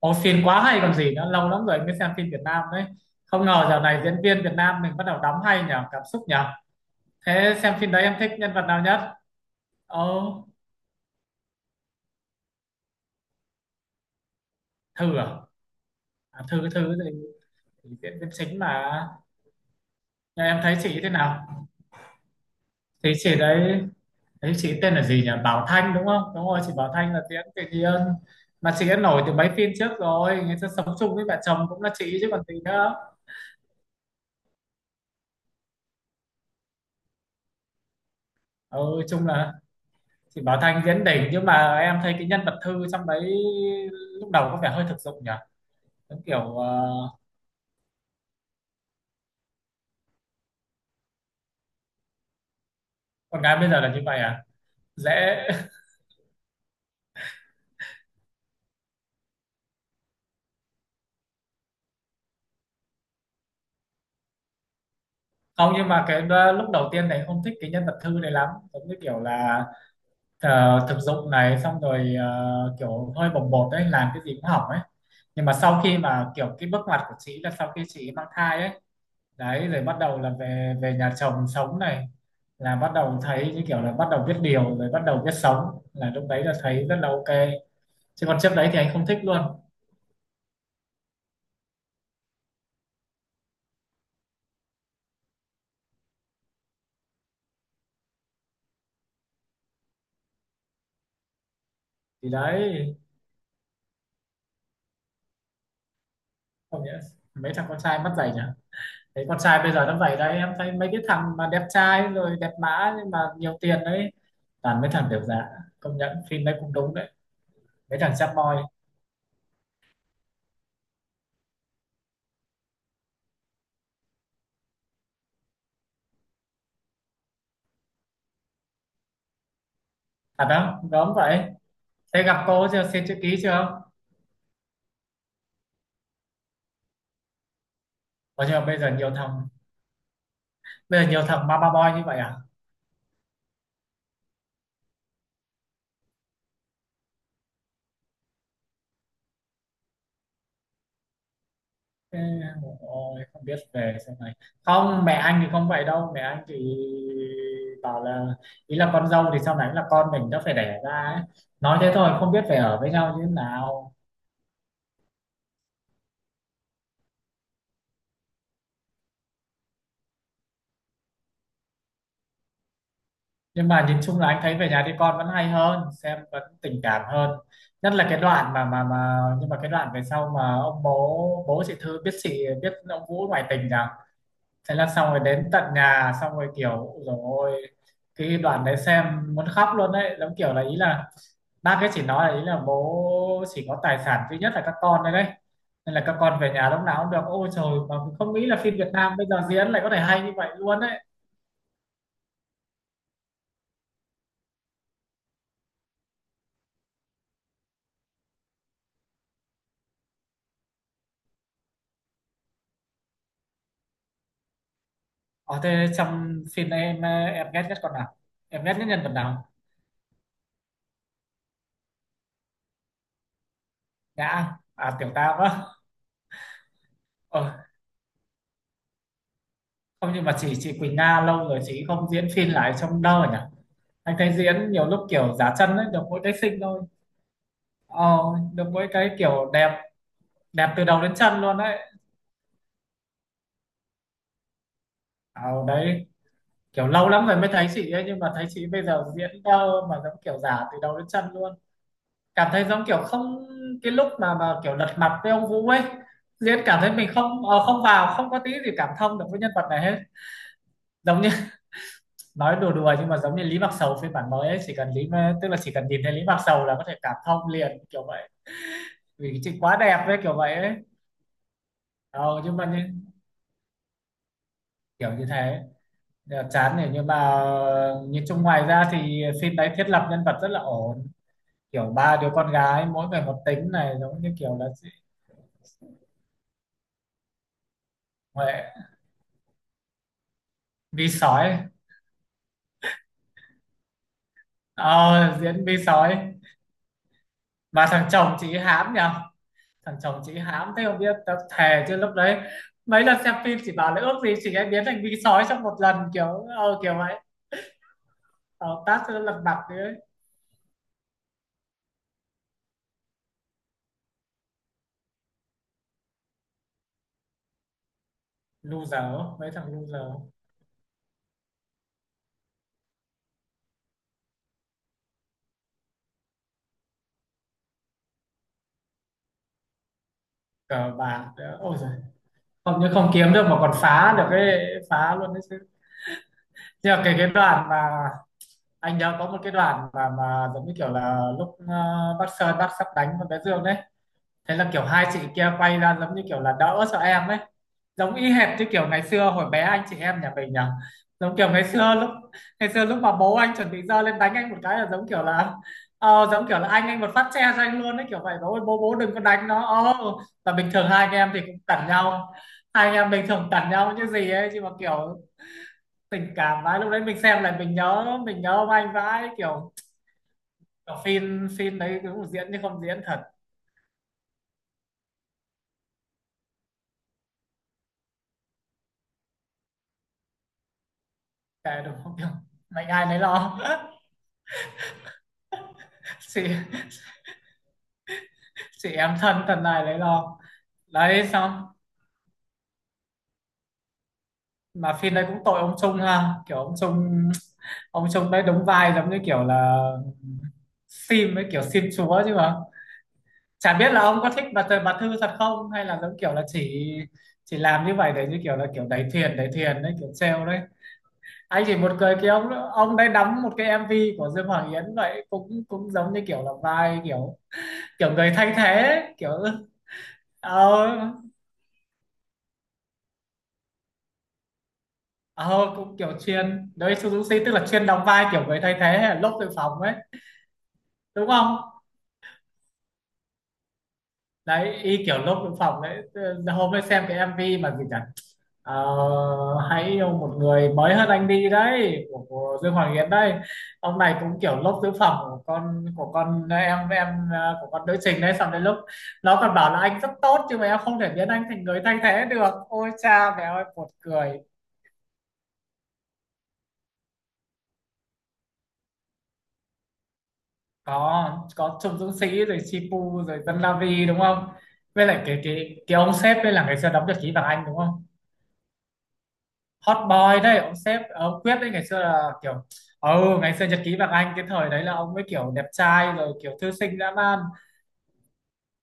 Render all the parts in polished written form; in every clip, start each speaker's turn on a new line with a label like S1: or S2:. S1: Ồ, phim quá hay còn gì nữa, lâu lắm rồi mới xem phim Việt Nam đấy. Không ngờ dạo này diễn viên Việt Nam mình bắt đầu đóng hay nhở, cảm xúc nhở. Thế xem phim đấy em thích nhân vật nào nhất? Ồ, Thư à? À Thư, Thư thì diễn viên chính mà. Nhưng em thấy chị thế nào? Thì chị đấy, thấy chị tên là gì nhỉ? Bảo Thanh đúng không? Đúng rồi, chị Bảo Thanh là diễn tự nhiên. Mà chị đã nổi từ mấy phim trước rồi, người ta sống chung với mẹ chồng cũng là chị chứ còn gì nữa. Ừ, chung là chị Bảo Thanh diễn đỉnh, nhưng mà em thấy cái nhân vật Thư trong đấy lúc đầu có vẻ hơi thực dụng nhỉ, giống kiểu con gái bây giờ là như vậy à, dễ. Không, nhưng mà lúc đầu tiên này không thích cái nhân vật Thư này lắm, giống như kiểu là thực dụng này, xong rồi kiểu hơi bồng bột đấy, làm cái gì cũng hỏng ấy. Nhưng mà sau khi mà kiểu cái bước ngoặt của chị là sau khi chị mang thai ấy, đấy rồi bắt đầu là về về nhà chồng sống này, là bắt đầu thấy như kiểu là bắt đầu biết điều rồi, bắt đầu biết sống, là lúc đấy là thấy rất là ok, chứ còn trước đấy thì anh không thích luôn. Thì đấy không nhẽ mấy thằng con trai mắt dày nhỉ. Thấy con trai bây giờ nó dày đấy, em thấy mấy cái thằng mà đẹp trai rồi đẹp mã nhưng mà nhiều tiền đấy, toàn mấy thằng tiểu dạ. Công nhận phim đấy cũng đúng đấy, mấy thằng sad boy. À đó gớm vậy, thế gặp cô chưa, xin chữ ký chưa? Còn nhưng mà bây giờ nhiều thằng, bây giờ nhiều thằng mama boy như vậy à? Thế, ôi, không biết về sau này, không mẹ anh thì không vậy đâu, mẹ anh thì bảo là ý là con dâu thì sau này là con mình đã phải đẻ ra ấy. Nói thế thôi không biết phải ở với nhau như thế nào. Nhưng mà nhìn chung là anh thấy Về nhà đi con vẫn hay hơn, xem vẫn tình cảm hơn. Nhất là cái đoạn mà mà nhưng mà cái đoạn về sau mà ông bố, bố chị Thư biết, chị biết ông Vũ ngoại tình nhỉ. Thế là xong rồi đến tận nhà, xong rồi kiểu rồi ôi, cái đoạn đấy xem muốn khóc luôn đấy, giống kiểu là ý là bác ấy chỉ nói là ý là bố chỉ có tài sản duy nhất là các con đấy đấy, nên là các con về nhà lúc nào cũng được. Ôi trời, mà không nghĩ là phim Việt Nam bây giờ diễn lại có thể hay như vậy luôn đấy. Ở thế trong phim này em ghét nhất con nào, em ghét nhất nhân vật nào? Nhã à, Tiểu Tam á. Ờ không, nhưng mà chị Quỳnh Nga lâu rồi chị không diễn phim lại trong đâu nhỉ. Anh thấy diễn nhiều lúc kiểu giả chân ấy, được mỗi cái xinh thôi. Ờ, được mỗi cái kiểu đẹp, đẹp từ đầu đến chân luôn đấy. Ờ, đấy kiểu lâu lắm rồi mới thấy chị ấy, nhưng mà thấy chị bây giờ diễn đâu mà, giống kiểu giả từ đầu đến chân luôn, cảm thấy giống kiểu không. Cái lúc mà kiểu lật mặt với ông Vũ ấy, diễn cảm thấy mình không không vào, không có tí gì cảm thông được với nhân vật này hết. Giống như nói đùa đùa, nhưng mà giống như Lý Mạc Sầu phiên bản mới ấy, chỉ cần tức là chỉ cần nhìn thấy Lý Mạc Sầu là có thể cảm thông liền kiểu vậy. Vì chị quá đẹp với kiểu vậy ấy. ờ, nhưng mà như, Kiểu như thế. Dạ, chán này, nhưng mà nhìn chung ngoài ra thì phim đấy thiết lập nhân vật rất là ổn, kiểu ba đứa con gái mỗi người một tính này, giống như kiểu là chị Huệ vi sói. Ờ, diễn vi sói mà thằng chồng chị hãm nhở. Thằng chồng chị hãm thế không biết, tao thề chứ lúc đấy mấy lần xem phim chỉ bảo là ước gì chị ấy biến thành vi sói trong một lần kiểu kiểu vậy. Ờ, tát cho nó lật mặt đi ấy. Loser, mấy thằng loser, cờ bạc nữa ôi giời, không những không kiếm được mà còn phá được, cái phá luôn đấy chứ. Thế là cái đoạn mà, anh nhớ có một cái đoạn mà giống như kiểu là lúc bác Sơn, bác sắp đánh con bé Dương đấy. Thế là kiểu hai chị kia quay ra giống như kiểu là đỡ cho em ấy, giống y hệt như kiểu ngày xưa hồi bé anh chị em nhà mình nhỉ. Giống kiểu ngày xưa lúc, ngày xưa lúc mà bố anh chuẩn bị giơ lên đánh anh một cái là giống kiểu là giống kiểu là anh một phát che cho anh luôn ấy, kiểu vậy. Bố ơi, bố bố đừng có đánh nó ờ. Và bình thường hai anh em thì cũng cẩn nhau, hai anh em bình thường cẩn nhau như gì ấy, nhưng mà kiểu tình cảm vãi lúc đấy, mình xem lại mình nhớ, mình nhớ ông anh vãi kiểu, kiểu phim phim đấy cũng diễn chứ không diễn thật. Kệ đúng không, kiểu mệnh ai lấy lo. chị chị em thân, thân này lấy lo. Đấy xong, mà phim đấy cũng tội ông Trung ha, kiểu ông Trung, ông Trung đấy đóng vai giống như kiểu là sim ấy, kiểu sim chúa chứ mà. Chả biết là ông có thích bà Thư thật không, hay là giống kiểu là chỉ làm như vậy để như kiểu là kiểu đẩy thuyền, đẩy thuyền đấy, kiểu trêu đấy. Anh chỉ một cười, cái ông đấy đóng một cái MV của Dương Hoàng Yến vậy, cũng cũng giống như kiểu là vai kiểu, kiểu người thay thế kiểu. ờ ờ Cũng kiểu chuyên đấy, Suzuki tức là chuyên đóng vai kiểu người thay thế hay là lốp dự phòng ấy. Đúng không, đấy y kiểu lốp dự phòng đấy. Ờ, hôm ấy xem cái MV mà gì nhỉ. Ờ, hãy yêu một người mới hơn anh đi đấy của Dương Hoàng Yến đấy. Ông này cũng kiểu lốp tứ phẩm của con em. Ờ, của con nữ trình đấy, xong đến lúc nó còn bảo là anh rất tốt nhưng mà em không thể biến anh thành người thay thế được, ôi cha mẹ ơi buồn cười. Có Trung Dũng Sĩ rồi Chipu rồi Dân La Vi đúng không, với lại cái ông sếp đây là ngày xưa đóng được Chí Vàng Anh đúng không, hot boy đấy. Ông sếp ông Quyết đấy ngày xưa là kiểu, ừ ngày xưa Nhật ký Vàng Anh cái thời đấy là ông mới kiểu đẹp trai rồi kiểu thư sinh dã man.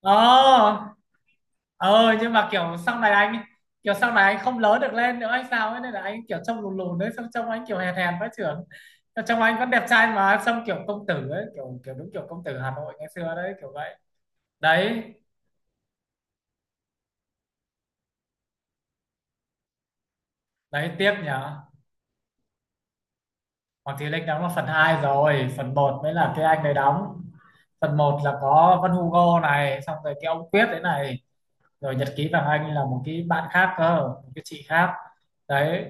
S1: ờ nhưng mà kiểu sau này anh, kiểu sau này anh không lớn được lên nữa hay sao ấy, nên là anh kiểu trông lùn lùn đấy, xong trông anh kiểu hèn hèn với trưởng. Xong trông anh vẫn đẹp trai mà, xong kiểu công tử ấy, kiểu kiểu đúng kiểu công tử Hà Nội ngày xưa đấy kiểu vậy. Đấy đấy tiếc nhỉ. Hoàng Thùy Linh đóng là phần 2 rồi, phần một mới là cái anh đấy đóng. Phần một là có Vân Hugo này, xong rồi cái ông Quyết đấy này, rồi Nhật ký Vàng Anh là một cái bạn khác cơ, một cái chị khác. Đấy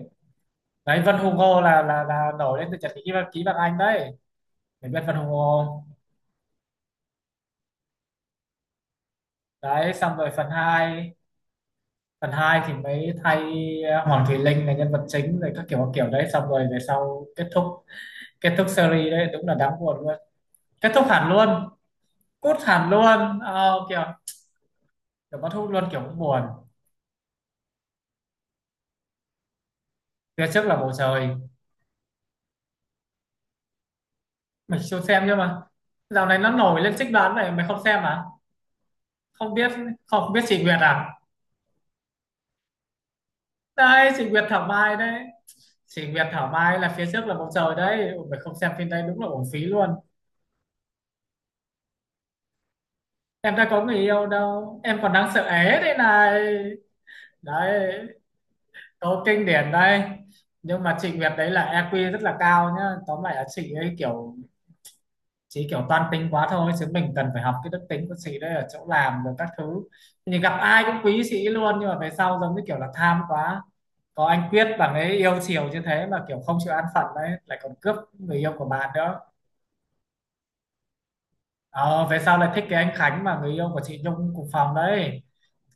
S1: đấy Vân Hugo là là nổi lên từ Nhật ký vàng ký Vàng Anh đấy. Mình biết Vân Hugo. Đấy xong rồi phần hai, phần 2 thì mới thay Hoàng Thùy Linh là nhân vật chính rồi các kiểu đấy, xong rồi về sau kết thúc, kết thúc series đấy đúng là đáng buồn luôn. Kết thúc hẳn luôn, cút hẳn luôn ờ, kìa kiểu bắt hút luôn kiểu cũng buồn. Phía trước là bầu trời, mình chưa xem nhưng mà dạo này nó nổi lên trích đoán này, mày không xem à? Không biết, không biết chị Nguyệt à. Đây chị Nguyệt Thảo Mai đấy, chị Nguyệt Thảo Mai là Phía trước là bầu trời đấy. Ôi, mày không xem phim đấy đúng là uổng phí luôn. Em đã có người yêu đâu, em còn đang sợ é đây này. Đấy câu kinh điển đây. Nhưng mà chị Nguyệt đấy là EQ rất là cao nhá, tóm lại là chị ấy kiểu, chị kiểu toan tính quá thôi, chứ mình cần phải học cái đức tính của chị đấy ở chỗ làm rồi các thứ, thì gặp ai cũng quý chị luôn, nhưng mà về sau giống như kiểu là tham quá. Có anh Quyết bằng ấy yêu chiều như thế mà kiểu không chịu an phận đấy, lại còn cướp người yêu của bạn nữa. Ờ, về sau lại thích cái anh Khánh mà người yêu của chị Nhung cùng phòng đấy.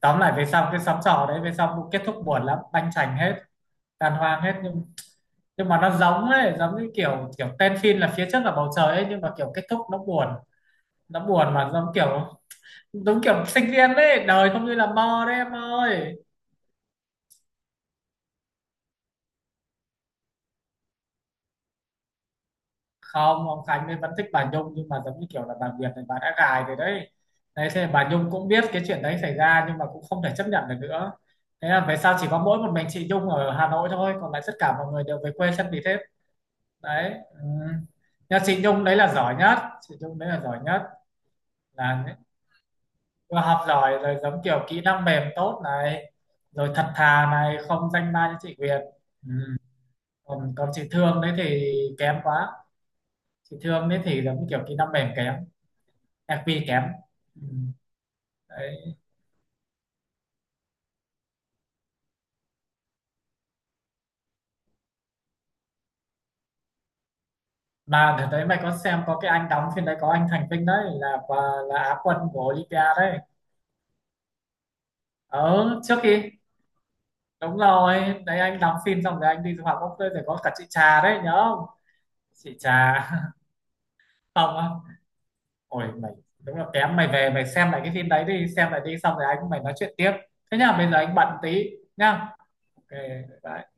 S1: Tóm lại về sau cái xóm trọ đấy về sau kết thúc buồn lắm, banh chành hết, tàn hoang hết. Nhưng mà nó giống ấy, giống như kiểu, kiểu tên phim là Phía trước là bầu trời ấy, nhưng mà kiểu kết thúc nó buồn, nó buồn mà giống kiểu, giống kiểu sinh viên đấy, đời không như là mơ đấy em ơi. Không, ông Khánh ấy vẫn thích bà Nhung nhưng mà giống như kiểu là bà Việt này bà đã gài rồi đấy. Đấy thế bà Nhung cũng biết cái chuyện đấy xảy ra, nhưng mà cũng không thể chấp nhận được nữa. Thế là về sau chỉ có mỗi một mình chị Nhung ở Hà Nội thôi, còn lại tất cả mọi người đều về quê sân vì thế. Đấy ừ. Nhưng chị Nhung đấy là giỏi nhất, chị Nhung đấy là giỏi nhất, là vừa học giỏi rồi, giống kiểu kỹ năng mềm tốt này, rồi thật thà này, không danh ma như chị Việt. Ừ. Còn còn chị Thương đấy thì kém quá, chị Thương đấy thì giống như kiểu kỹ năng mềm kém, EQ kém. Ừ. Đấy mà đợt đấy mày có xem, có cái anh đóng phim đấy, có anh Thành Vinh đấy là quả, là Á quân của Olympia đấy. Ờ trước khi, đúng rồi đấy anh đóng phim xong rồi anh đi du học bốc, rồi có cả chị Trà đấy nhớ không. Chị Trà không á. Ôi mày đúng là kém, mày về mày xem lại cái phim đấy đi, xem lại đi xong rồi anh với mày nói chuyện tiếp. Thế nhá bây giờ anh bận tí nhá, ok bye.